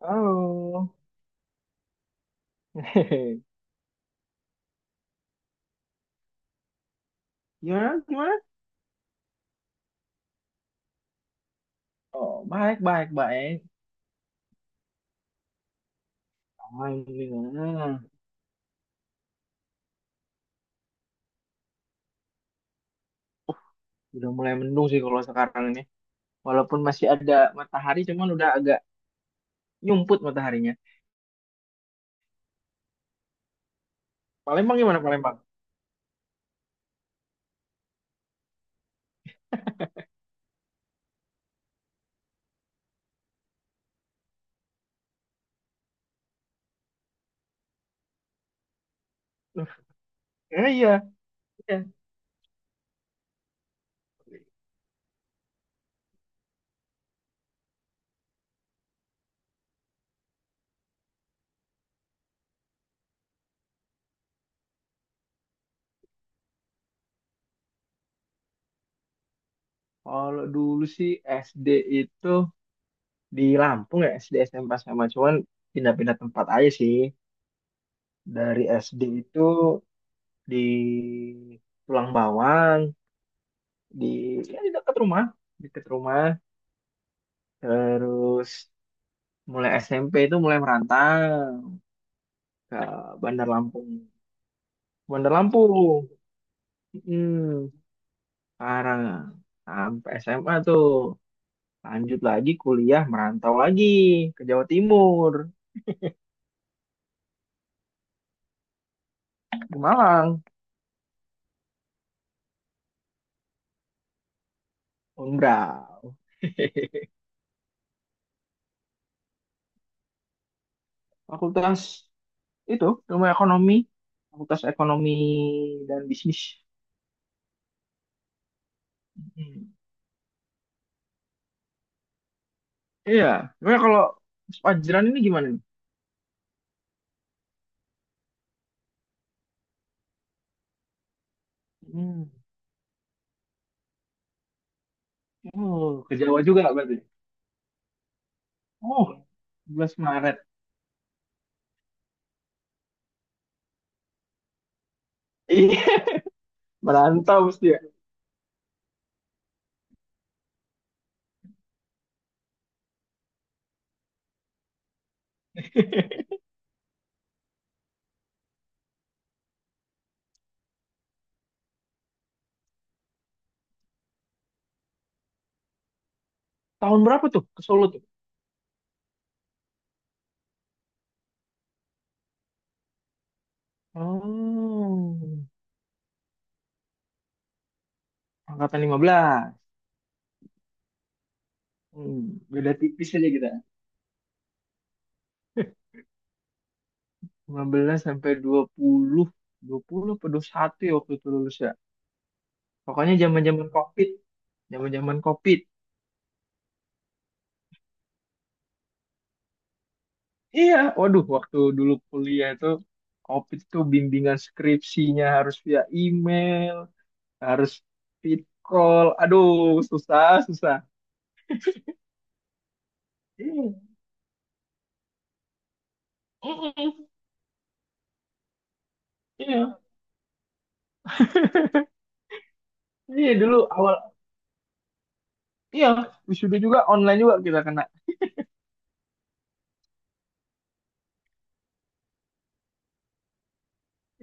Halo. Gimana? Gimana? Oh, baik, baik, baik. Alhamdulillah. Udah mulai mendung sih kalau sekarang ini. Walaupun masih ada matahari, cuman udah agak nyumput mataharinya. Palembang gimana Palembang? Eh, iya, iya. Kalau dulu sih SD itu di Lampung ya, SD SMP sama. Cuman pindah-pindah tempat aja sih. Dari SD itu di Tulang Bawang, di, di dekat rumah. Dekat rumah. Terus mulai SMP itu mulai merantau ke Bandar Lampung. Bandar Lampung. Hmm, Parang. Sampai SMA tuh. Lanjut lagi kuliah merantau lagi ke Jawa Timur. Ke Malang. Unbrau. Fakultas itu ilmu ekonomi. Fakultas ekonomi dan bisnis. Hmm. Iya. Sebenarnya kalau Pak ini gimana nih? Hmm. Oh, ke Jawa juga berarti. Oh, 11 Maret. Iya, merantau mesti ya. Tahun berapa tuh ke Solo tuh? Oh, angkatan 15. Hmm, beda tipis aja kita. 15 sampai 20. 20 atau 21 ya waktu itu lulus ya. Pokoknya zaman-zaman COVID. Zaman-zaman COVID. Iya, waduh waktu dulu kuliah itu COVID itu bimbingan skripsinya harus via email, harus fit call. Aduh, susah, susah. Iya. Mm-mm. Iya. Iya dulu awal iya wisuda juga online juga kita kena.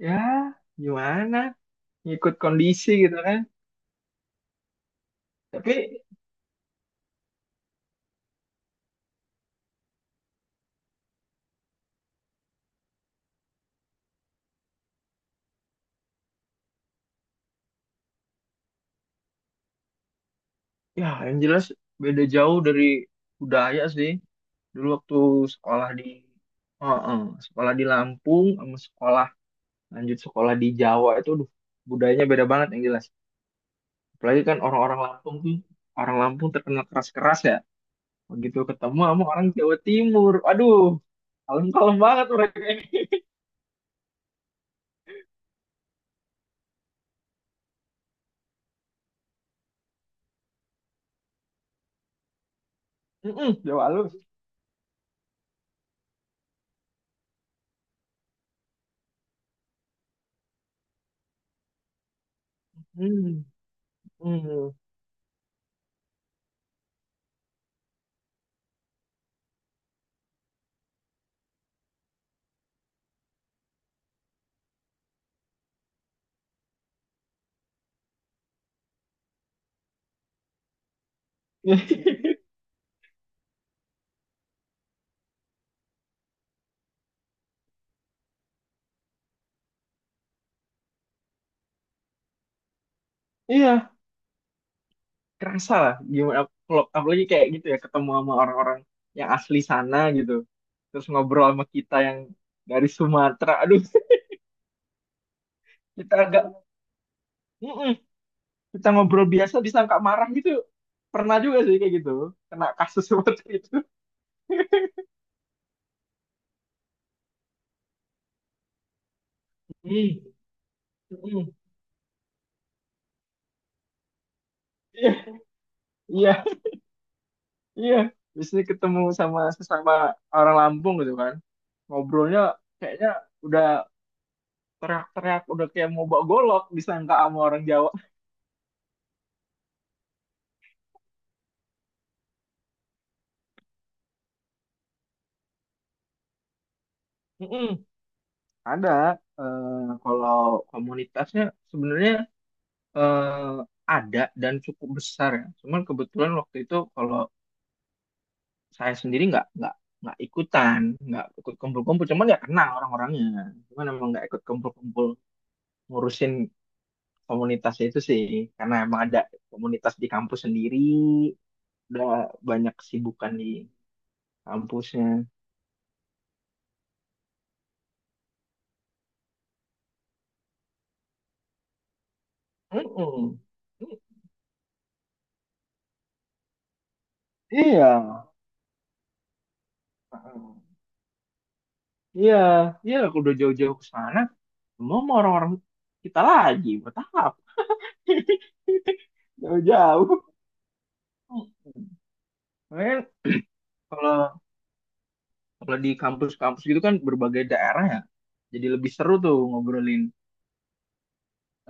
Ya, gimana? Ngikut kondisi gitu kan. Tapi ya yang jelas beda jauh dari budaya sih. Dulu waktu sekolah di Heeh, sekolah di Lampung sama sekolah lanjut sekolah di Jawa itu aduh budayanya beda banget yang jelas. Apalagi kan orang-orang Lampung tuh orang Lampung terkenal keras-keras ya. Begitu ketemu sama orang Jawa Timur, aduh, kalem-kalem banget mereka ini. Mm-mm, Jawa halus. Hmm, hmm. Iya, kerasa lah gimana kalau apalagi kayak gitu ya ketemu sama orang-orang yang asli sana gitu. Terus ngobrol sama kita yang dari Sumatera. Aduh, kita agak mm-mm. Kita ngobrol biasa disangka marah gitu. Pernah juga sih kayak gitu. Kena kasus seperti itu. Hmm, mm-mm. Iya, iya, iya. Biasanya ketemu sama sesama orang Lampung gitu kan. Ngobrolnya kayaknya udah teriak-teriak, udah kayak mau bawa golok disangka sama orang Jawa. Mm-mm. Ada eh, Kalau komunitasnya sebenarnya eh, ada dan cukup besar ya. Cuman kebetulan waktu itu kalau saya sendiri nggak ikutan, nggak ikut kumpul-kumpul. Cuman ya kenal orang-orangnya. Cuman emang nggak ikut kumpul-kumpul ngurusin komunitasnya itu sih. Karena emang ada komunitas di kampus sendiri, udah banyak kesibukan di kampusnya. Mm-mm. Mm. Iya. Iya, iya aku udah jauh-jauh ke sana. Semua mau orang-orang kita lagi, buat apa? Jauh-jauh. Makanya kalau kalau di kampus-kampus gitu kan berbagai daerah ya. Jadi lebih seru tuh ngobrolin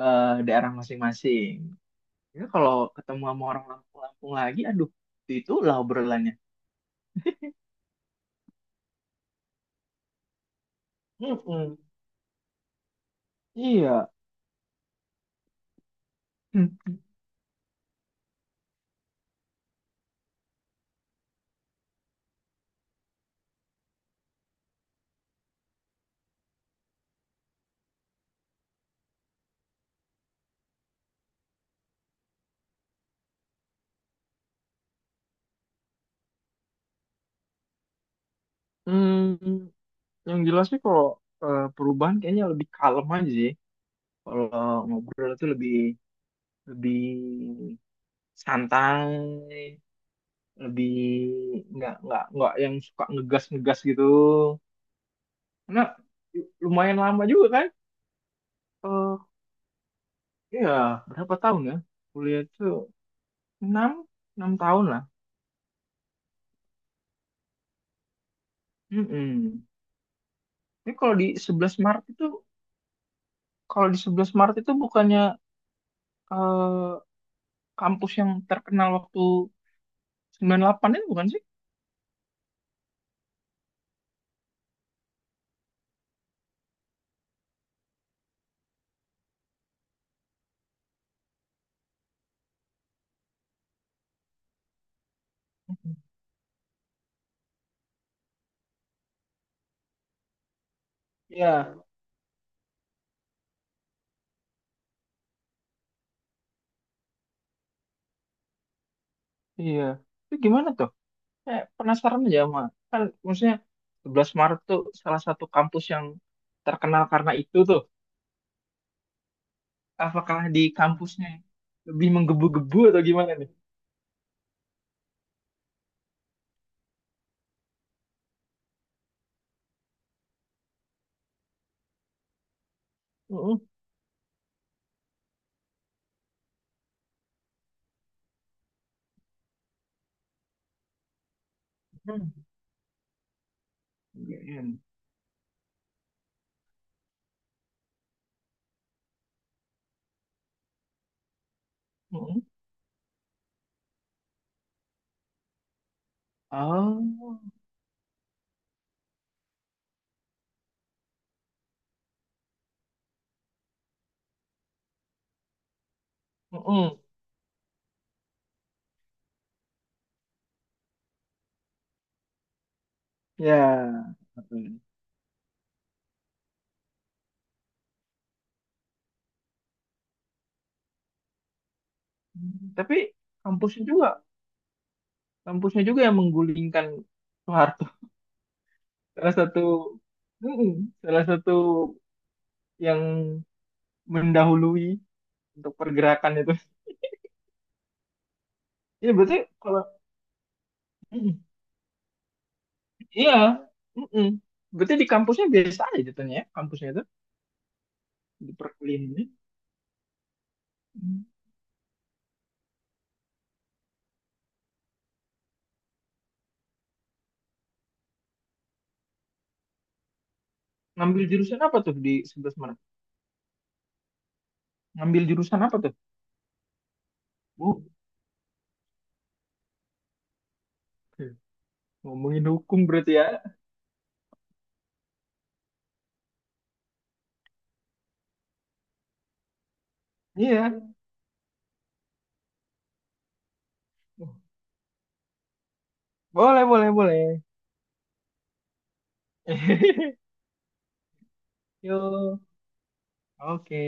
daerah masing-masing. Ya kalau ketemu sama orang Lampung-Lampung lagi, aduh, itu lah obrolannya. Mm-mm. Iya. Hmm. Hmm, yang jelas sih kalau perubahan kayaknya lebih kalem aja sih. Kalau ngobrol itu lebih lebih santai lebih nggak yang suka ngegas ngegas gitu karena lumayan lama juga kan eh ya berapa tahun ya kuliah itu enam enam tahun lah. Mm-mm. Ini kalau di sebelas Maret itu Kalau di sebelas Maret itu bukannya eh, kampus yang terkenal waktu 98 itu bukan sih? Iya. Iya. Itu gimana penasaran aja sama kan maksudnya 11 Maret tuh salah satu kampus yang terkenal karena itu tuh. Apakah di kampusnya lebih menggebu-gebu atau gimana nih? Mm-mm. Hmm. UGM. Mm-mm. Oh. Mm-mm. Ya. Oke. Hmm. Tapi kampusnya juga, kampusnya juga yang menggulingkan Soeharto. Salah satu, Mm-mm. Salah satu yang mendahului untuk pergerakan itu. Ini berarti kalau Mm-mm. Iya, mm-mm. Berarti di kampusnya biasa aja jatuhnya ya, kampusnya itu di perkuliahan ini. Mm. Ngambil jurusan apa tuh di 11 Maret? Ngambil jurusan apa tuh? Oh, oke. Ngomongin hukum berarti ya. Iya. Boleh, boleh, boleh. Yo, oke.